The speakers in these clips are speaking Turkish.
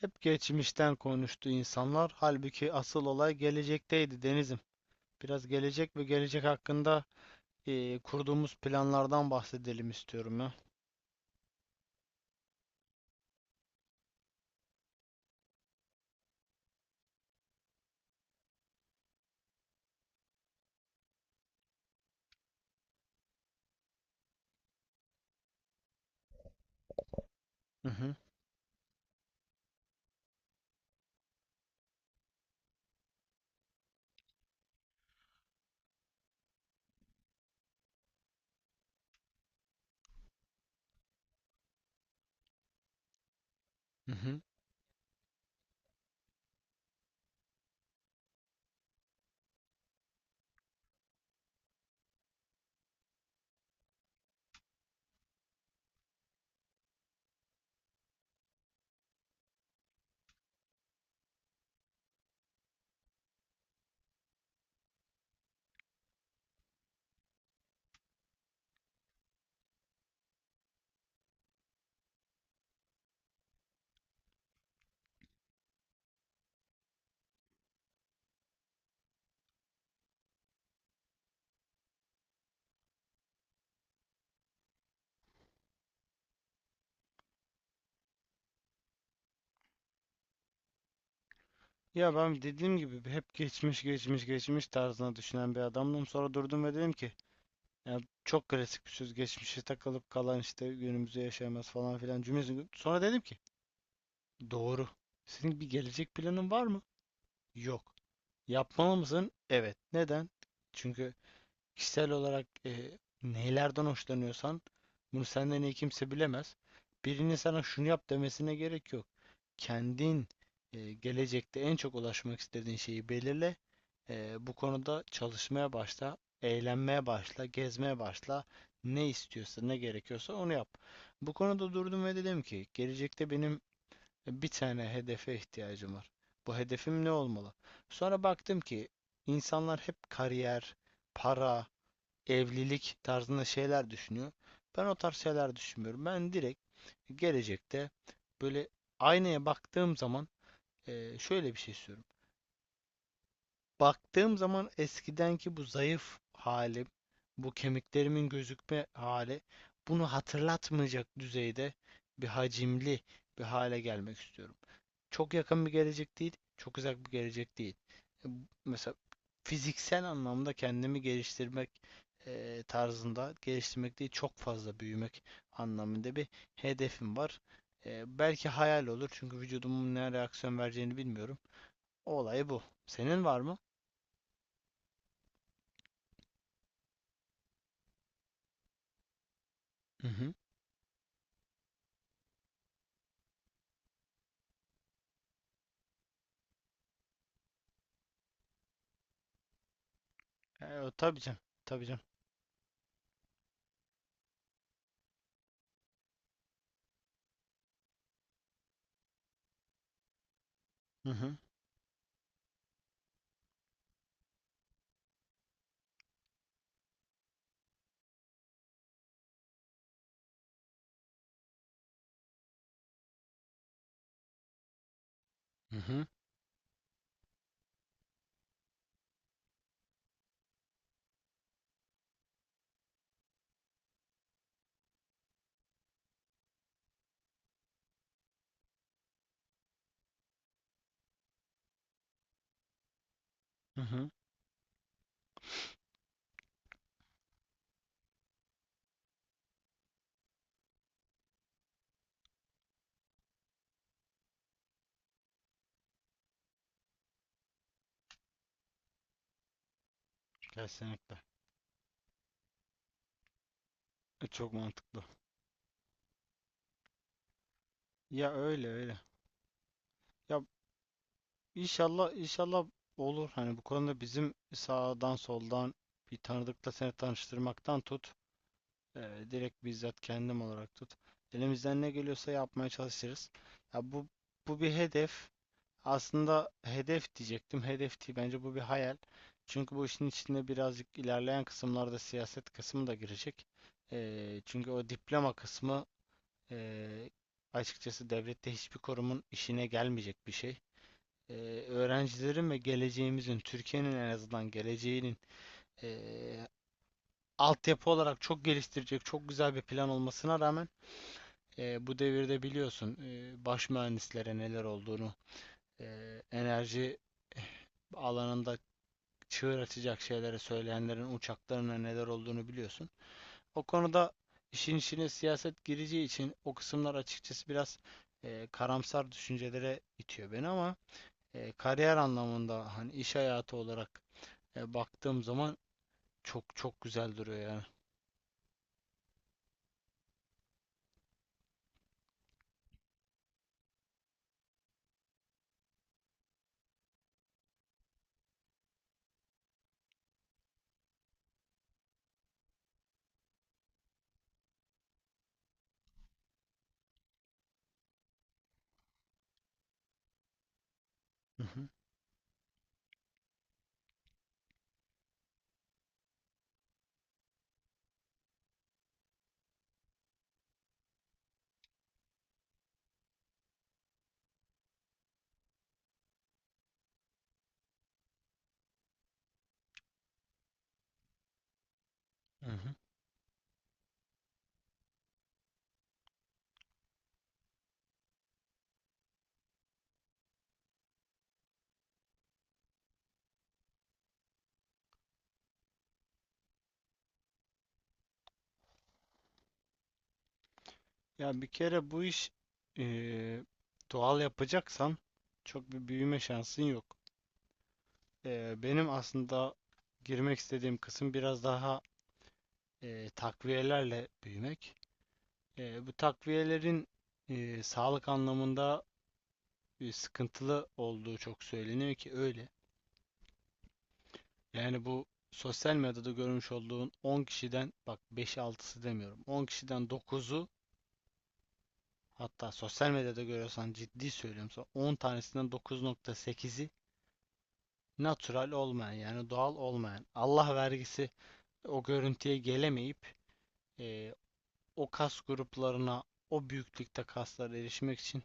Hep geçmişten konuştu insanlar. Halbuki asıl olay gelecekteydi Denizim. Biraz gelecek ve gelecek hakkında kurduğumuz planlardan bahsedelim istiyorum ya. Hı hı, hı hı. Ya ben dediğim gibi hep geçmiş geçmiş geçmiş tarzına düşünen bir adamdım. Sonra durdum ve dedim ki ya, çok klasik bir söz geçmişe takılıp kalan işte günümüzü yaşayamaz falan filan cümlesi. Sonra dedim ki doğru. Senin bir gelecek planın var mı? Yok. Yapmalı mısın? Evet. Neden? Çünkü kişisel olarak neylerden hoşlanıyorsan bunu senden iyi kimse bilemez. Birinin sana şunu yap demesine gerek yok. Kendin gelecekte en çok ulaşmak istediğin şeyi belirle. Bu konuda çalışmaya başla, eğlenmeye başla, gezmeye başla. Ne istiyorsa, ne gerekiyorsa onu yap. Bu konuda durdum ve dedim ki gelecekte benim bir tane hedefe ihtiyacım var. Bu hedefim ne olmalı? Sonra baktım ki insanlar hep kariyer, para, evlilik tarzında şeyler düşünüyor. Ben o tarz şeyler düşünmüyorum. Ben direkt gelecekte böyle aynaya baktığım zaman şöyle bir şey istiyorum. Baktığım zaman eskidenki bu zayıf halim, bu kemiklerimin gözükme hali bunu hatırlatmayacak düzeyde bir hacimli bir hale gelmek istiyorum. Çok yakın bir gelecek değil, çok uzak bir gelecek değil. E, Mesela fiziksel anlamda kendimi geliştirmek, tarzında geliştirmek değil, çok fazla büyümek anlamında bir hedefim var. Belki hayal olur çünkü vücudumun ne reaksiyon vereceğini bilmiyorum. O olay bu. Senin var mı? Hı hı. O tabii canım. Tabii canım. Hı hı. Hı hı. Hı hı. Kesinlikle. Çok mantıklı. Ya öyle öyle. Ya, İnşallah inşallah olur. Hani bu konuda bizim sağdan soldan bir tanıdıkla seni tanıştırmaktan tut, direkt bizzat kendim olarak tut. Elimizden ne geliyorsa yapmaya çalışırız. Ya bu bir hedef. Aslında hedef diyecektim. Hedef değil. Bence bu bir hayal. Çünkü bu işin içinde birazcık ilerleyen kısımlarda siyaset kısmı da girecek. Çünkü o diploma kısmı, eee, açıkçası devlette hiçbir kurumun işine gelmeyecek bir şey, e, öğrencilerin ve geleceğimizin, Türkiye'nin en azından geleceğinin e, altyapı olarak çok geliştirecek, çok güzel bir plan olmasına rağmen bu devirde biliyorsun, baş mühendislere neler olduğunu, enerji alanında çığır açacak şeyleri söyleyenlerin uçaklarına neler olduğunu biliyorsun. O konuda işin içine siyaset gireceği için o kısımlar açıkçası biraz karamsar düşüncelere itiyor beni, ama kariyer anlamında hani iş hayatı olarak, baktığım zaman çok çok güzel duruyor yani. Hı hı. Hı hı. Ya bir kere bu iş, e, doğal yapacaksan çok bir büyüme şansın yok. Benim aslında girmek istediğim kısım biraz daha takviyelerle büyümek. Bu takviyelerin sağlık anlamında sıkıntılı olduğu çok söyleniyor, ki öyle. Yani bu sosyal medyada görmüş olduğun 10 kişiden, bak, beş altısı demiyorum, 10 kişiden dokuzu. Hatta sosyal medyada görüyorsan, ciddi söylüyorum sana, 10 tanesinden 9,8'i natural olmayan, yani doğal olmayan, Allah vergisi o görüntüye gelemeyip, e, o kas gruplarına, o büyüklükte kaslara erişmek için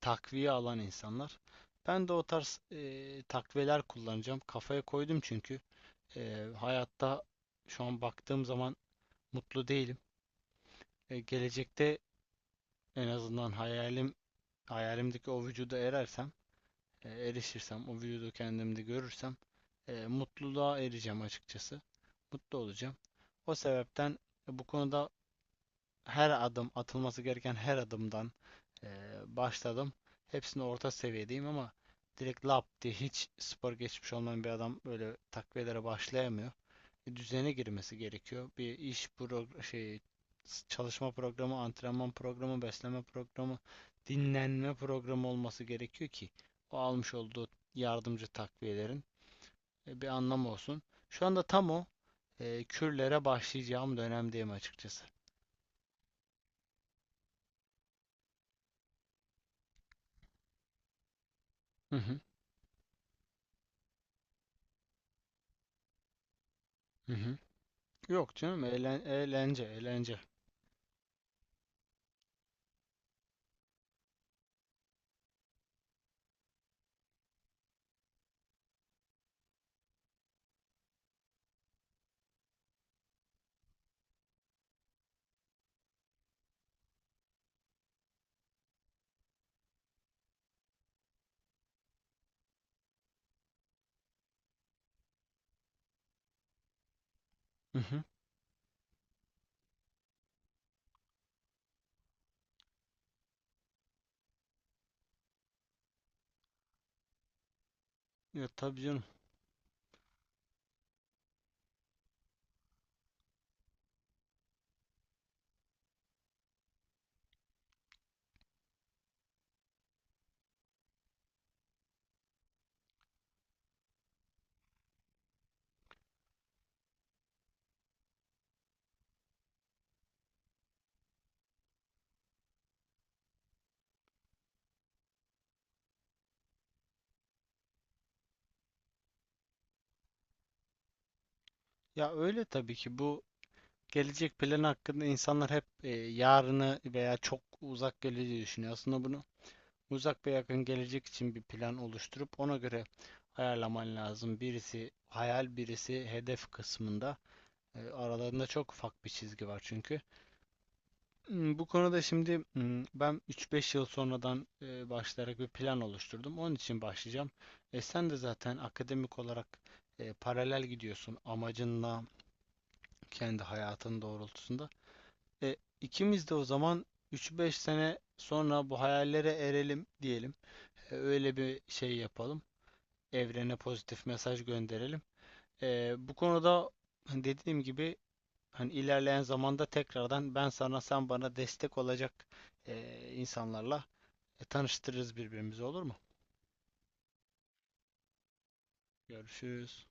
takviye alan insanlar. Ben de o tarz takviyeler kullanacağım. Kafaya koydum, çünkü hayatta şu an baktığım zaman mutlu değilim. Gelecekte en azından hayalim, hayalimdeki o vücuda erersem, erişirsem, o videoda kendimde görürsem, mutluluğa ereceğim açıkçası. Mutlu olacağım. O sebepten bu konuda her adım, atılması gereken her adımdan e, başladım. Hepsini orta seviyedeyim, ama direkt lap diye hiç spor geçmiş olmayan bir adam böyle takviyelere başlayamıyor, düzene girmesi gerekiyor. Bir iş pro şey, çalışma programı, antrenman programı, beslenme programı, dinlenme programı olması gerekiyor ki o almış olduğu yardımcı takviyelerin bir anlamı olsun. Şu anda tam o kürlere başlayacağım dönemdeyim açıkçası. Hı hı, hı hı. Yok canım, eğlence eğlence. Hı hı. Ya tabii canım. Ya öyle, tabii ki bu gelecek planı hakkında insanlar hep yarını veya çok uzak geleceği düşünüyor. Aslında bunu uzak ve yakın gelecek için bir plan oluşturup ona göre ayarlaman lazım. Birisi hayal, birisi hedef kısmında. Aralarında çok ufak bir çizgi var çünkü. Bu konuda şimdi, ben 3-5 yıl sonradan başlayarak bir plan oluşturdum. Onun için başlayacağım. Sen de zaten akademik olarak paralel gidiyorsun amacınla, kendi hayatın doğrultusunda. E, ikimiz de o zaman 3-5 sene sonra bu hayallere erelim diyelim. Öyle bir şey yapalım. Evrene pozitif mesaj gönderelim. Bu konuda, hani dediğim gibi, hani ilerleyen zamanda tekrardan ben sana, sen bana destek olacak insanlarla tanıştırırız birbirimizi, olur mu? Görüşürüz.